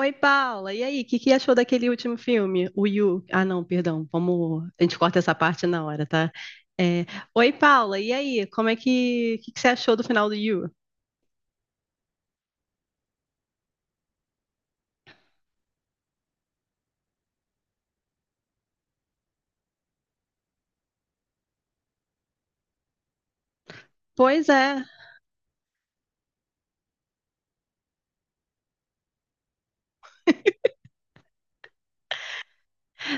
Oi, Paula. E aí, o que que achou daquele último filme? O You. Ah, não, perdão. Vamos. A gente corta essa parte na hora, tá? É, Oi, Paula. E aí, como é que. O que que você achou do final do You? Pois é.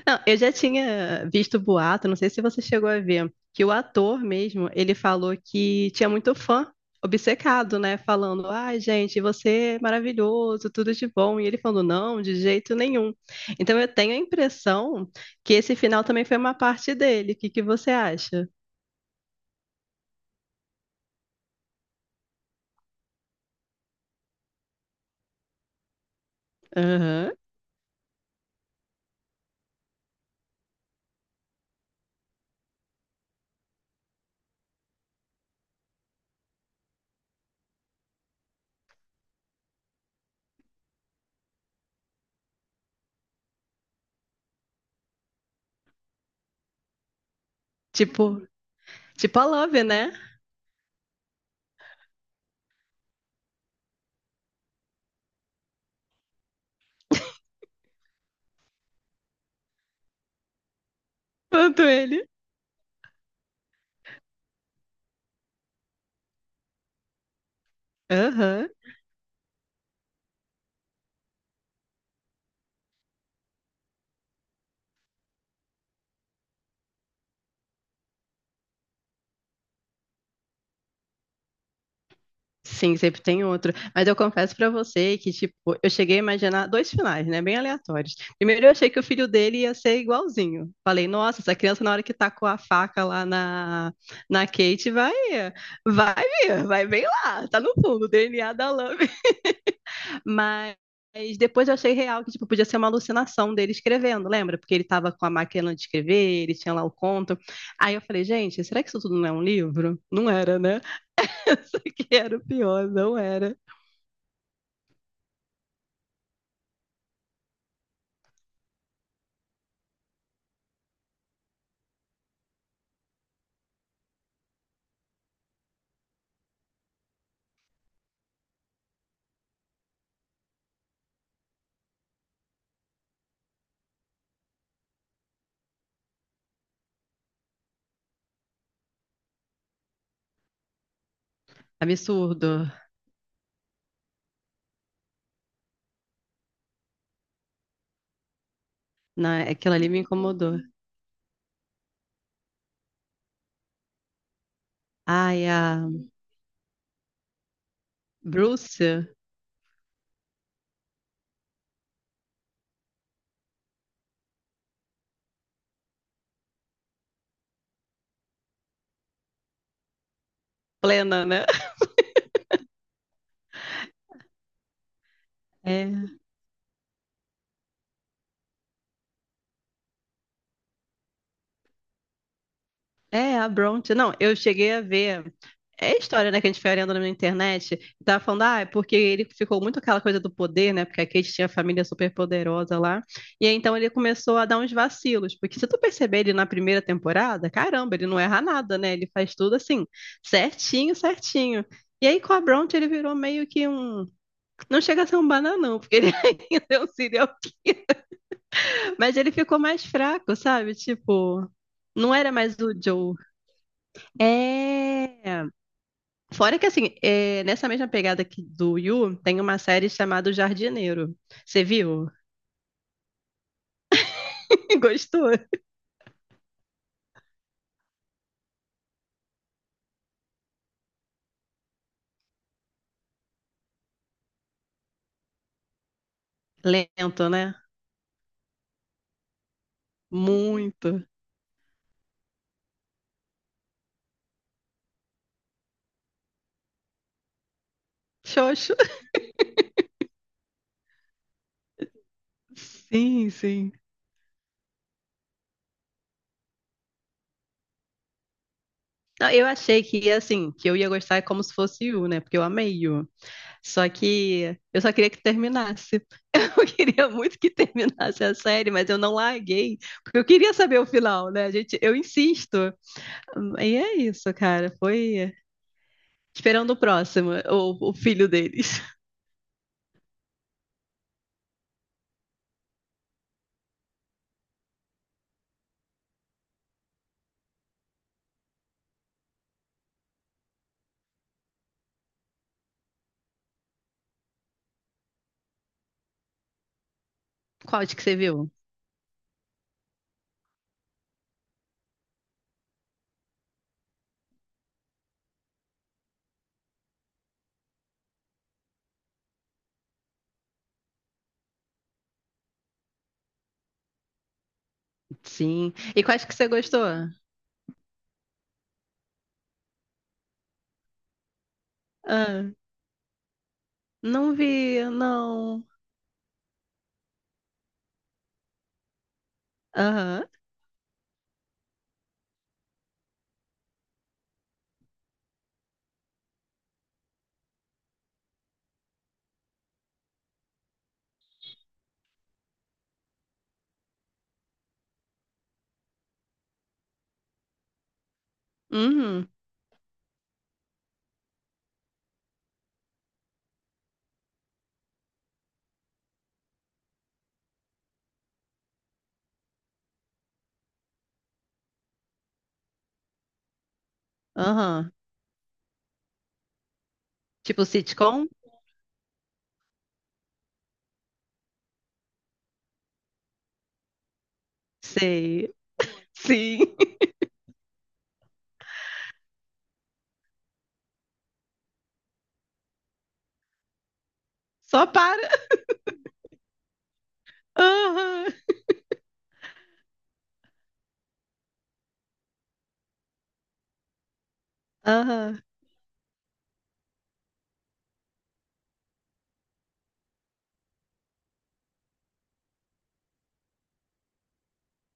Não, eu já tinha visto boato, não sei se você chegou a ver, que o ator mesmo, ele falou que tinha muito fã obcecado, né? Falando, ai, gente, você é maravilhoso, tudo de bom. E ele falando, não, de jeito nenhum. Então eu tenho a impressão que esse final também foi uma parte dele. O que que você acha? Aham. Tipo, tipo a Love, né? Quanto ele. Aham. Sim, sempre tem outro. Mas eu confesso pra você que, tipo, eu cheguei a imaginar dois finais, né? Bem aleatórios. Primeiro, eu achei que o filho dele ia ser igualzinho. Falei, nossa, essa criança, na hora que tá com a faca lá na, Kate, vai vir, vai bem lá, tá no fundo, o DNA da Love. Mas. Depois eu achei real que tipo, podia ser uma alucinação dele escrevendo, lembra? Porque ele tava com a máquina de escrever, ele tinha lá o conto. Aí eu falei, gente, será que isso tudo não é um livro? Não era, né? Isso aqui era o pior, não era. Absurdo. Né? Aquilo ali me incomodou. Ai, a Bruce, plena, né? É, é a Bronte. Não, eu cheguei a ver. É a história, né, que a gente foi olhando na internet. E tava falando, ah, é porque ele ficou muito aquela coisa do poder, né? Porque a Kate tinha a família super poderosa lá. E aí, então ele começou a dar uns vacilos. Porque se tu perceber ele na primeira temporada, caramba, ele não erra nada, né? Ele faz tudo assim, certinho, certinho. E aí com a Bronte ele virou meio que um. Não chega a ser um bananão, porque ele ainda é um serial. Mas ele ficou mais fraco, sabe? Tipo, não era mais o Joe. É. Fora que, assim, é, nessa mesma pegada que do Yu, tem uma série chamada O Jardineiro. Você viu? Gostou? Lento, né? Muito. Xoxo. Sim, sim. Não, eu achei que, assim, que eu ia gostar como se fosse Yu, né? Porque eu amei Yu. Só que eu só queria que terminasse. Eu queria muito que terminasse a série, mas eu não larguei, porque eu queria saber o final, né? Gente, eu insisto. E é isso, cara. Foi esperando o próximo, o filho deles. Qual de que você viu? Sim. E quais que você gostou? Ah, não vi, não. Aham. Uhum. Aham. Tipo sitcom? Sei. Sim. Só para. Aham. Aham.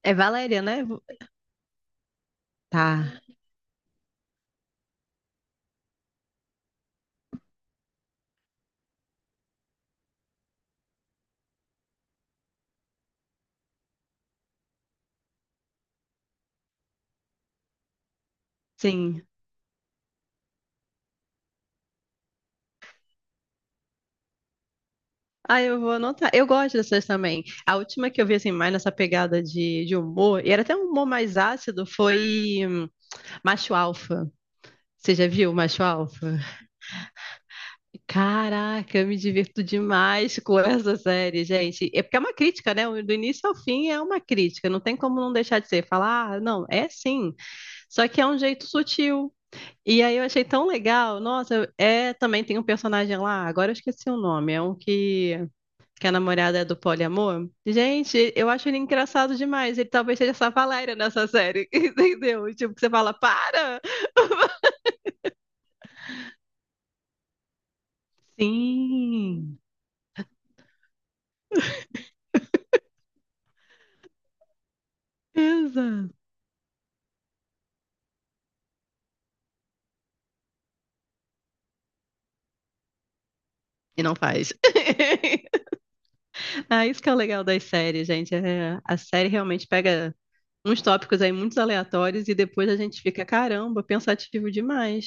É Valéria, né? Tá, sim. Ah, eu vou anotar. Eu gosto dessas também. A última que eu vi, assim, mais nessa pegada de, humor, e era até um humor mais ácido, foi Macho Alfa. Você já viu Macho Alfa? Caraca, eu me divirto demais com essa série, gente. É porque é uma crítica, né? Do início ao fim é uma crítica. Não tem como não deixar de ser. Falar, ah, não, é sim. Só que é um jeito sutil. E aí eu achei tão legal. Nossa, é também tem um personagem lá. Agora eu esqueci o nome. É um que a namorada é do poliamor. Gente, eu acho ele engraçado demais. Ele talvez seja essa Valéria nessa série, entendeu? Tipo, que você fala, para! Sim, exato. E não faz. Ah, isso que é o legal das séries, gente. É, a série realmente pega uns tópicos aí muito aleatórios e depois a gente fica, caramba, pensativo demais.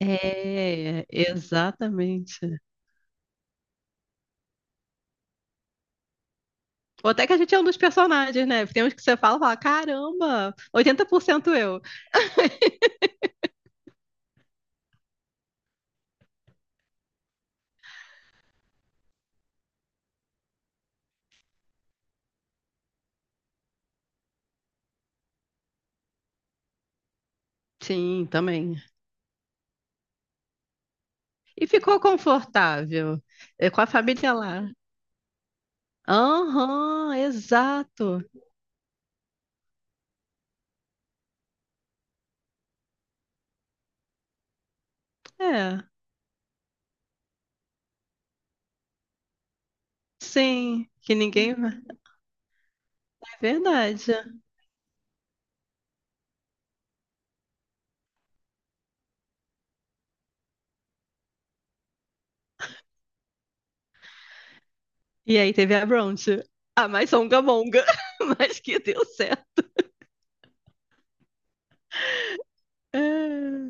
É, exatamente. Ou até que a gente é um dos personagens, né? Tem uns que você fala, fala, caramba, 80% eu. Sim, também. E ficou confortável com a família lá. Aham, exato. É, sim, que ninguém vai. É verdade. E aí teve a Bronte, a mais songamonga, mas que deu certo. É.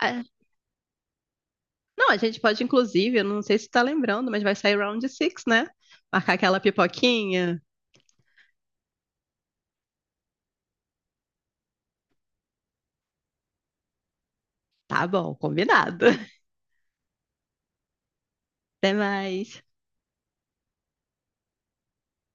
Ah, não, a gente pode, inclusive, eu não sei se tá lembrando, mas vai sair Round 6 né? Marcar aquela pipoquinha. Tá bom, combinado. Até mais.